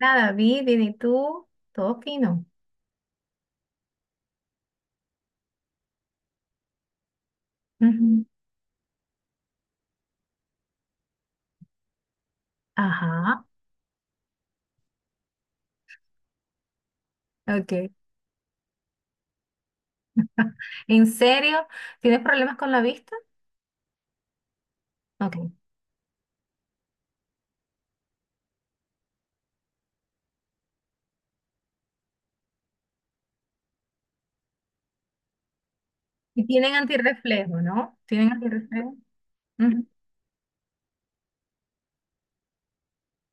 Nada David, bien, ¿y tú? Todo fino. Ujú. Ajá, ok. ¿En serio? ¿Tienes problemas con la vista? Ok. Y tienen antirreflejo, ¿no? ¿Tienen antirreflejo? Ujú.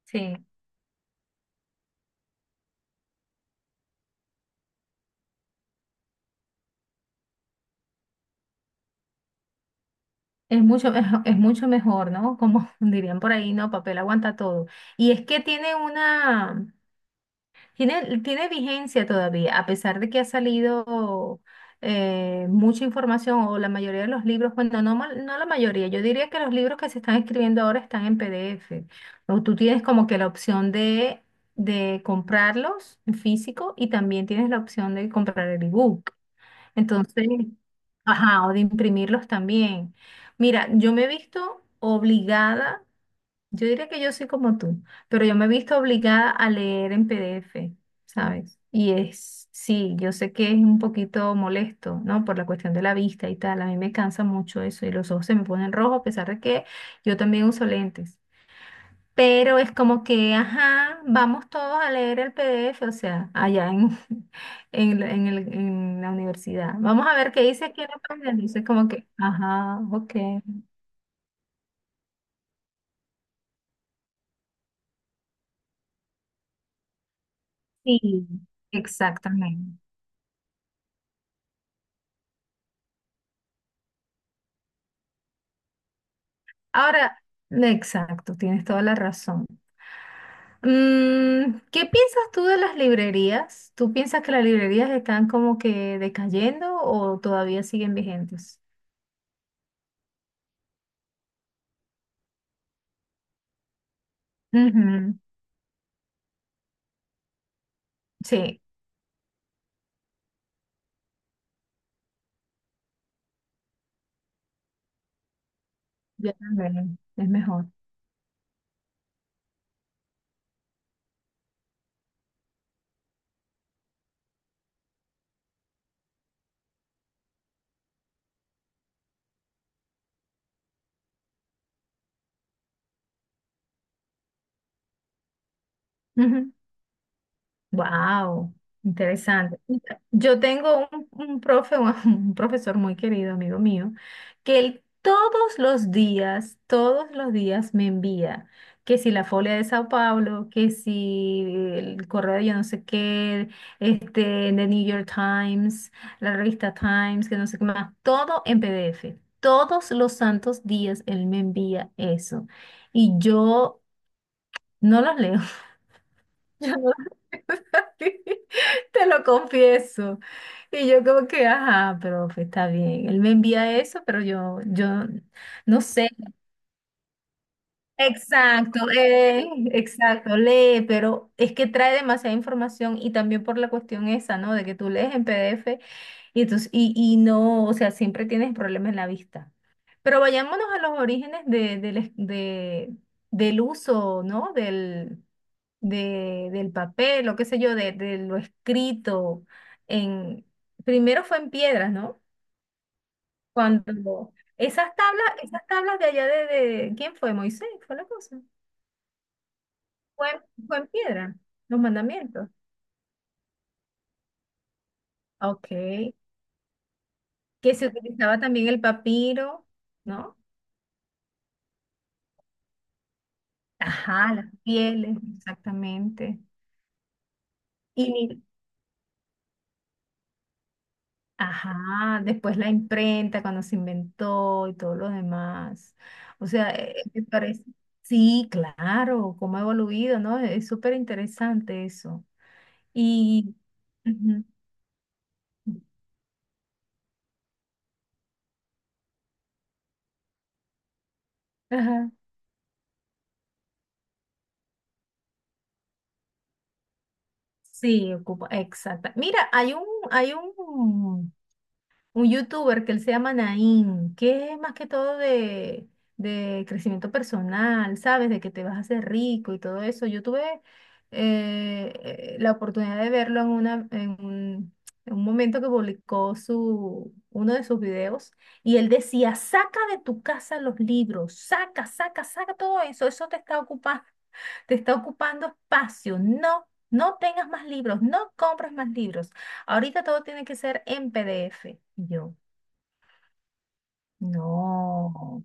Sí. Es mucho, es mucho mejor, ¿no? Como dirían por ahí, no, papel aguanta todo. Y es que tiene una, Tiene vigencia todavía, a pesar de que ha salido mucha información o la mayoría de los libros, bueno, no, no la mayoría, yo diría que los libros que se están escribiendo ahora están en PDF, o tú tienes como que la opción de comprarlos en físico y también tienes la opción de comprar el ebook. Entonces, ajá, o de imprimirlos también. Mira, yo me he visto obligada yo diría que yo soy como tú, pero yo me he visto obligada a leer en PDF, ¿sabes? Y sí, yo sé que es un poquito molesto, ¿no? Por la cuestión de la vista y tal. A mí me cansa mucho eso y los ojos se me ponen rojos a pesar de que yo también uso lentes. Pero es como que, ajá, vamos todos a leer el PDF, o sea, allá en la universidad. Vamos a ver qué dice aquí en la página. Dice como que, ajá, ok. Sí, exactamente. Ahora, exacto, tienes toda la razón. ¿Qué piensas tú de las librerías? ¿Tú piensas que las librerías están como que decayendo o todavía siguen vigentes? Ujú. Sí, yo también, es mejor. Ujú. Wow, interesante. Yo tengo un profesor muy querido, amigo mío, que él todos los días me envía que si la Folia de Sao Paulo, que si el correo de yo no sé qué, este, de New York Times, la revista Times, que no sé qué más, todo en PDF. Todos los santos días él me envía eso. Y yo no los leo. Te lo confieso. Y yo como que, ajá, profe, está bien. Él me envía eso, pero yo no sé. Exacto, exacto, lee, pero es que trae demasiada información y también por la cuestión esa, ¿no? De que tú lees en PDF y, entonces, y no, o sea, siempre tienes problemas en la vista. Pero vayámonos a los orígenes de, del es- de- del uso, ¿no? Del papel o qué sé yo, de lo escrito en, primero fue en piedras, ¿no? Cuando esas tablas de allá de- ¿quién fue? Moisés, fue la cosa. Fue, fue en piedra, los mandamientos. Ah, ok. Que se utilizaba también el papiro, ¿no? Ajá, las pieles, exactamente. Y, Ajá, después la imprenta cuando se inventó y todo lo demás. O sea, me parece, sí, claro, cómo ha evoluido, ¿no? Es súper interesante eso. Y, ujú, ajá, sí, ocupa, exacta. Mira, hay un youtuber que él se llama Nain, que es más que todo de crecimiento personal, ¿sabes? De que te vas a hacer rico y todo eso. Yo tuve la oportunidad de verlo en un momento que publicó uno de sus videos y él decía, saca de tu casa los libros, saca, saca, saca todo eso, eso te está ocupando espacio, no. No tengas más libros, no compres más libros. Ahorita todo tiene que ser en PDF. Y yo, no,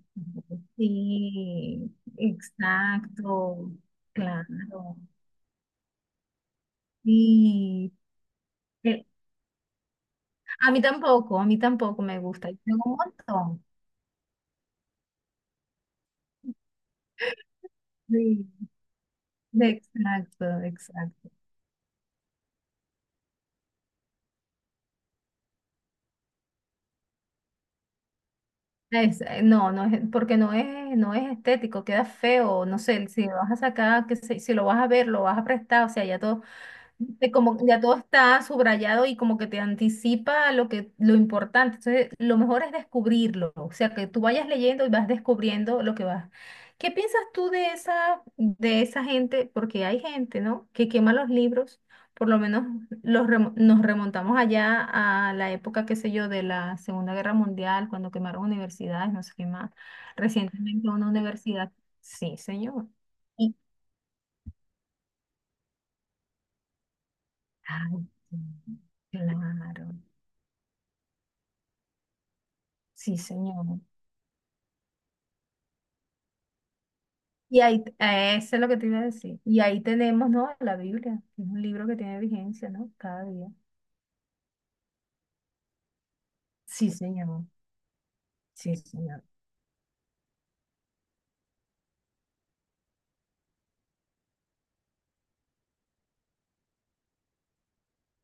sí, exacto, claro. Sí. Eh, a mí tampoco me gusta. Yo tengo un montón. Sí, exacto, exacto. No, no es, porque no es estético, queda feo, no sé, si lo vas a sacar, si lo vas a ver, lo vas a prestar, o sea, ya todo de como ya todo está subrayado y como que te anticipa lo importante. Entonces, lo mejor es descubrirlo, o sea, que tú vayas leyendo y vas descubriendo lo que vas. ¿Qué piensas tú de esa gente? Porque hay gente, ¿no? que quema los libros. Por lo menos nos remontamos allá a la época, qué sé yo, de la Segunda Guerra Mundial, cuando quemaron universidades, no sé qué más. Recientemente una universidad. Sí, señor. Y, ay, sí, claro. Sí, señor. Y ahí, eso es lo que te iba a decir. Y ahí tenemos, ¿no? La Biblia, que es un libro que tiene vigencia, ¿no? Cada día. Sí, señor. Sí, señor.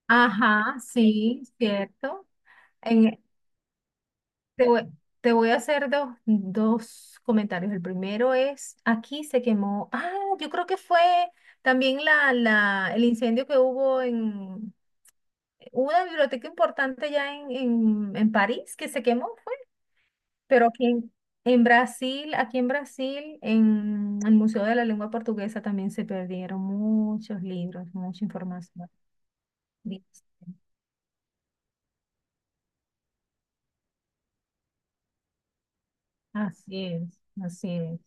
Ajá, sí, cierto. En- te voy, te voy a hacer dos comentarios. El primero es, aquí se quemó. Ah, yo creo que fue también el incendio que hubo en una biblioteca importante ya en París, que se quemó. Pero aquí en Brasil, aquí en Brasil, en el Museo de la Lengua Portuguesa también se perdieron muchos libros, mucha información. Dice, Así es, así es.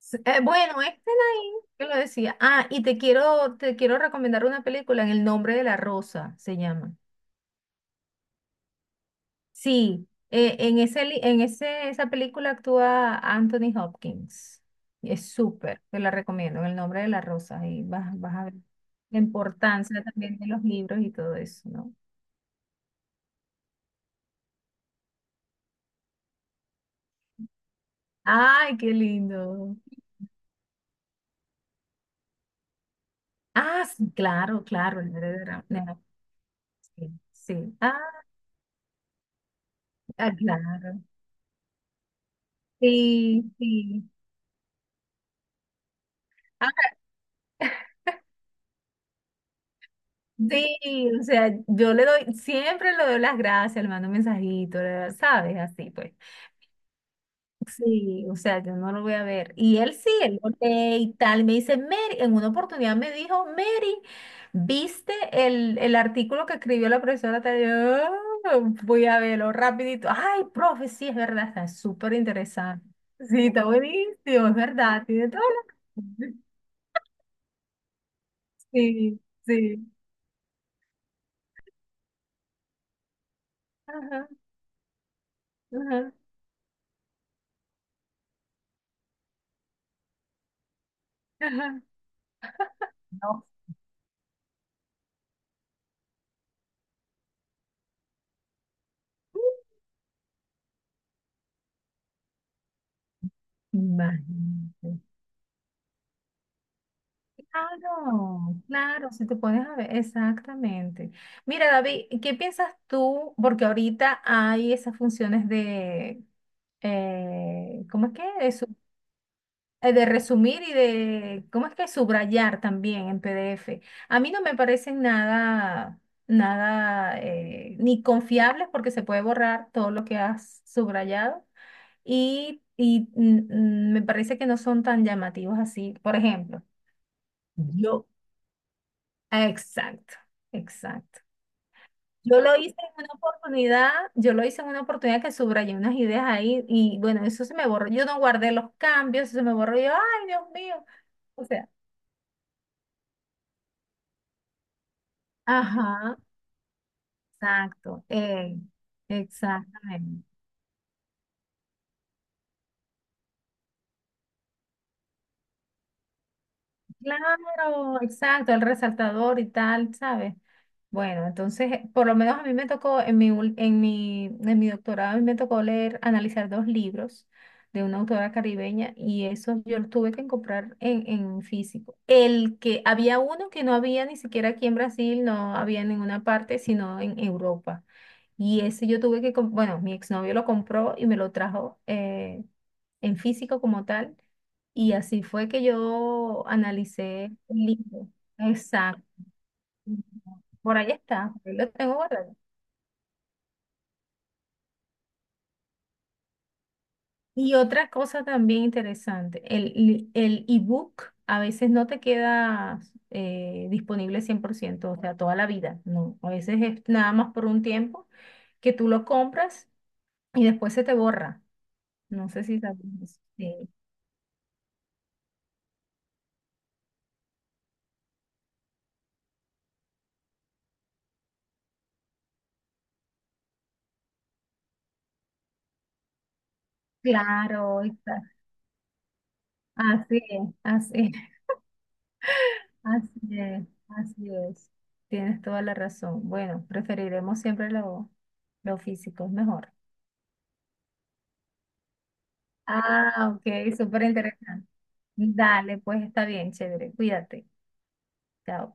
Bueno, este ahí que lo decía. Ah, y te quiero recomendar una película en El nombre de la rosa, se llama. Sí, en ese, li- en ese, esa película actúa Anthony Hopkins. Y es súper, te la recomiendo, en el nombre de la rosa. Y vas, vas a ver la importancia también de los libros y todo eso, ¿no? ¡Ay, qué lindo! Ah, sí, claro, claro, el nombre de la- Sí, sí. Ah, ah, claro. Sí, sí. Ah, sí, o sea, yo le doy, siempre le doy las gracias, le mando un mensajito, le- ¿sabes? Así pues. Sí, o sea, yo no lo voy a ver. Y él sí, él lo lee y tal. Me dice, Mary, en una oportunidad me dijo, Mary, ¿viste el artículo que escribió la profesora? Tal?" Y yo, "Ah, voy a verlo rapidito. Ay, profe, sí, es verdad, está súper interesante. Sí, está buenísimo, es verdad, tiene todo lo... Sí, sí. Ajá, ajá, ajá. No, imagínate. Claro, claro, si te pones a ver, exactamente. Mira, David, ¿qué piensas tú? Porque ahorita hay esas funciones de, ¿cómo es que? De resumir y de, ¿cómo es que? Subrayar también en PDF. A mí no me parecen nada, nada, ni confiables porque se puede borrar todo lo que has subrayado y me parece que no son tan llamativos así. Por ejemplo. Yo, Exacto, exacto. Yo lo hice en una oportunidad que subrayé unas ideas ahí y bueno, eso se me borró. Yo no guardé los cambios, eso se me borró. Ay, Dios mío. O sea, ajá, exacto, exactamente. Claro, exacto, el resaltador y tal, ¿sabes? Bueno, entonces, por lo menos a mí me tocó, en mi, ul- en mi doctorado, a mí me tocó leer, analizar dos libros de una autora caribeña y esos yo los tuve que comprar en físico. El que había uno que no había ni siquiera aquí en Brasil, no había en ninguna parte, sino en Europa. Y ese yo tuve que, bueno, mi exnovio lo compró y me lo trajo en físico como tal. Y así fue que yo analicé el libro. Exacto. Por ahí está, ahí lo tengo guardado. Y otra cosa también interesante, el ebook a veces no te queda disponible 100% o sea, toda la vida, no. A veces es nada más por un tiempo que tú lo compras y después se te borra. No sé si sabes eso. Sí, claro, exacto. Así es, así es. Así es, así es. Tienes toda la razón. Bueno, preferiremos siempre lo físico, es mejor. Ah, ok, súper interesante. Dale, pues está bien, chévere. Cuídate. Chao.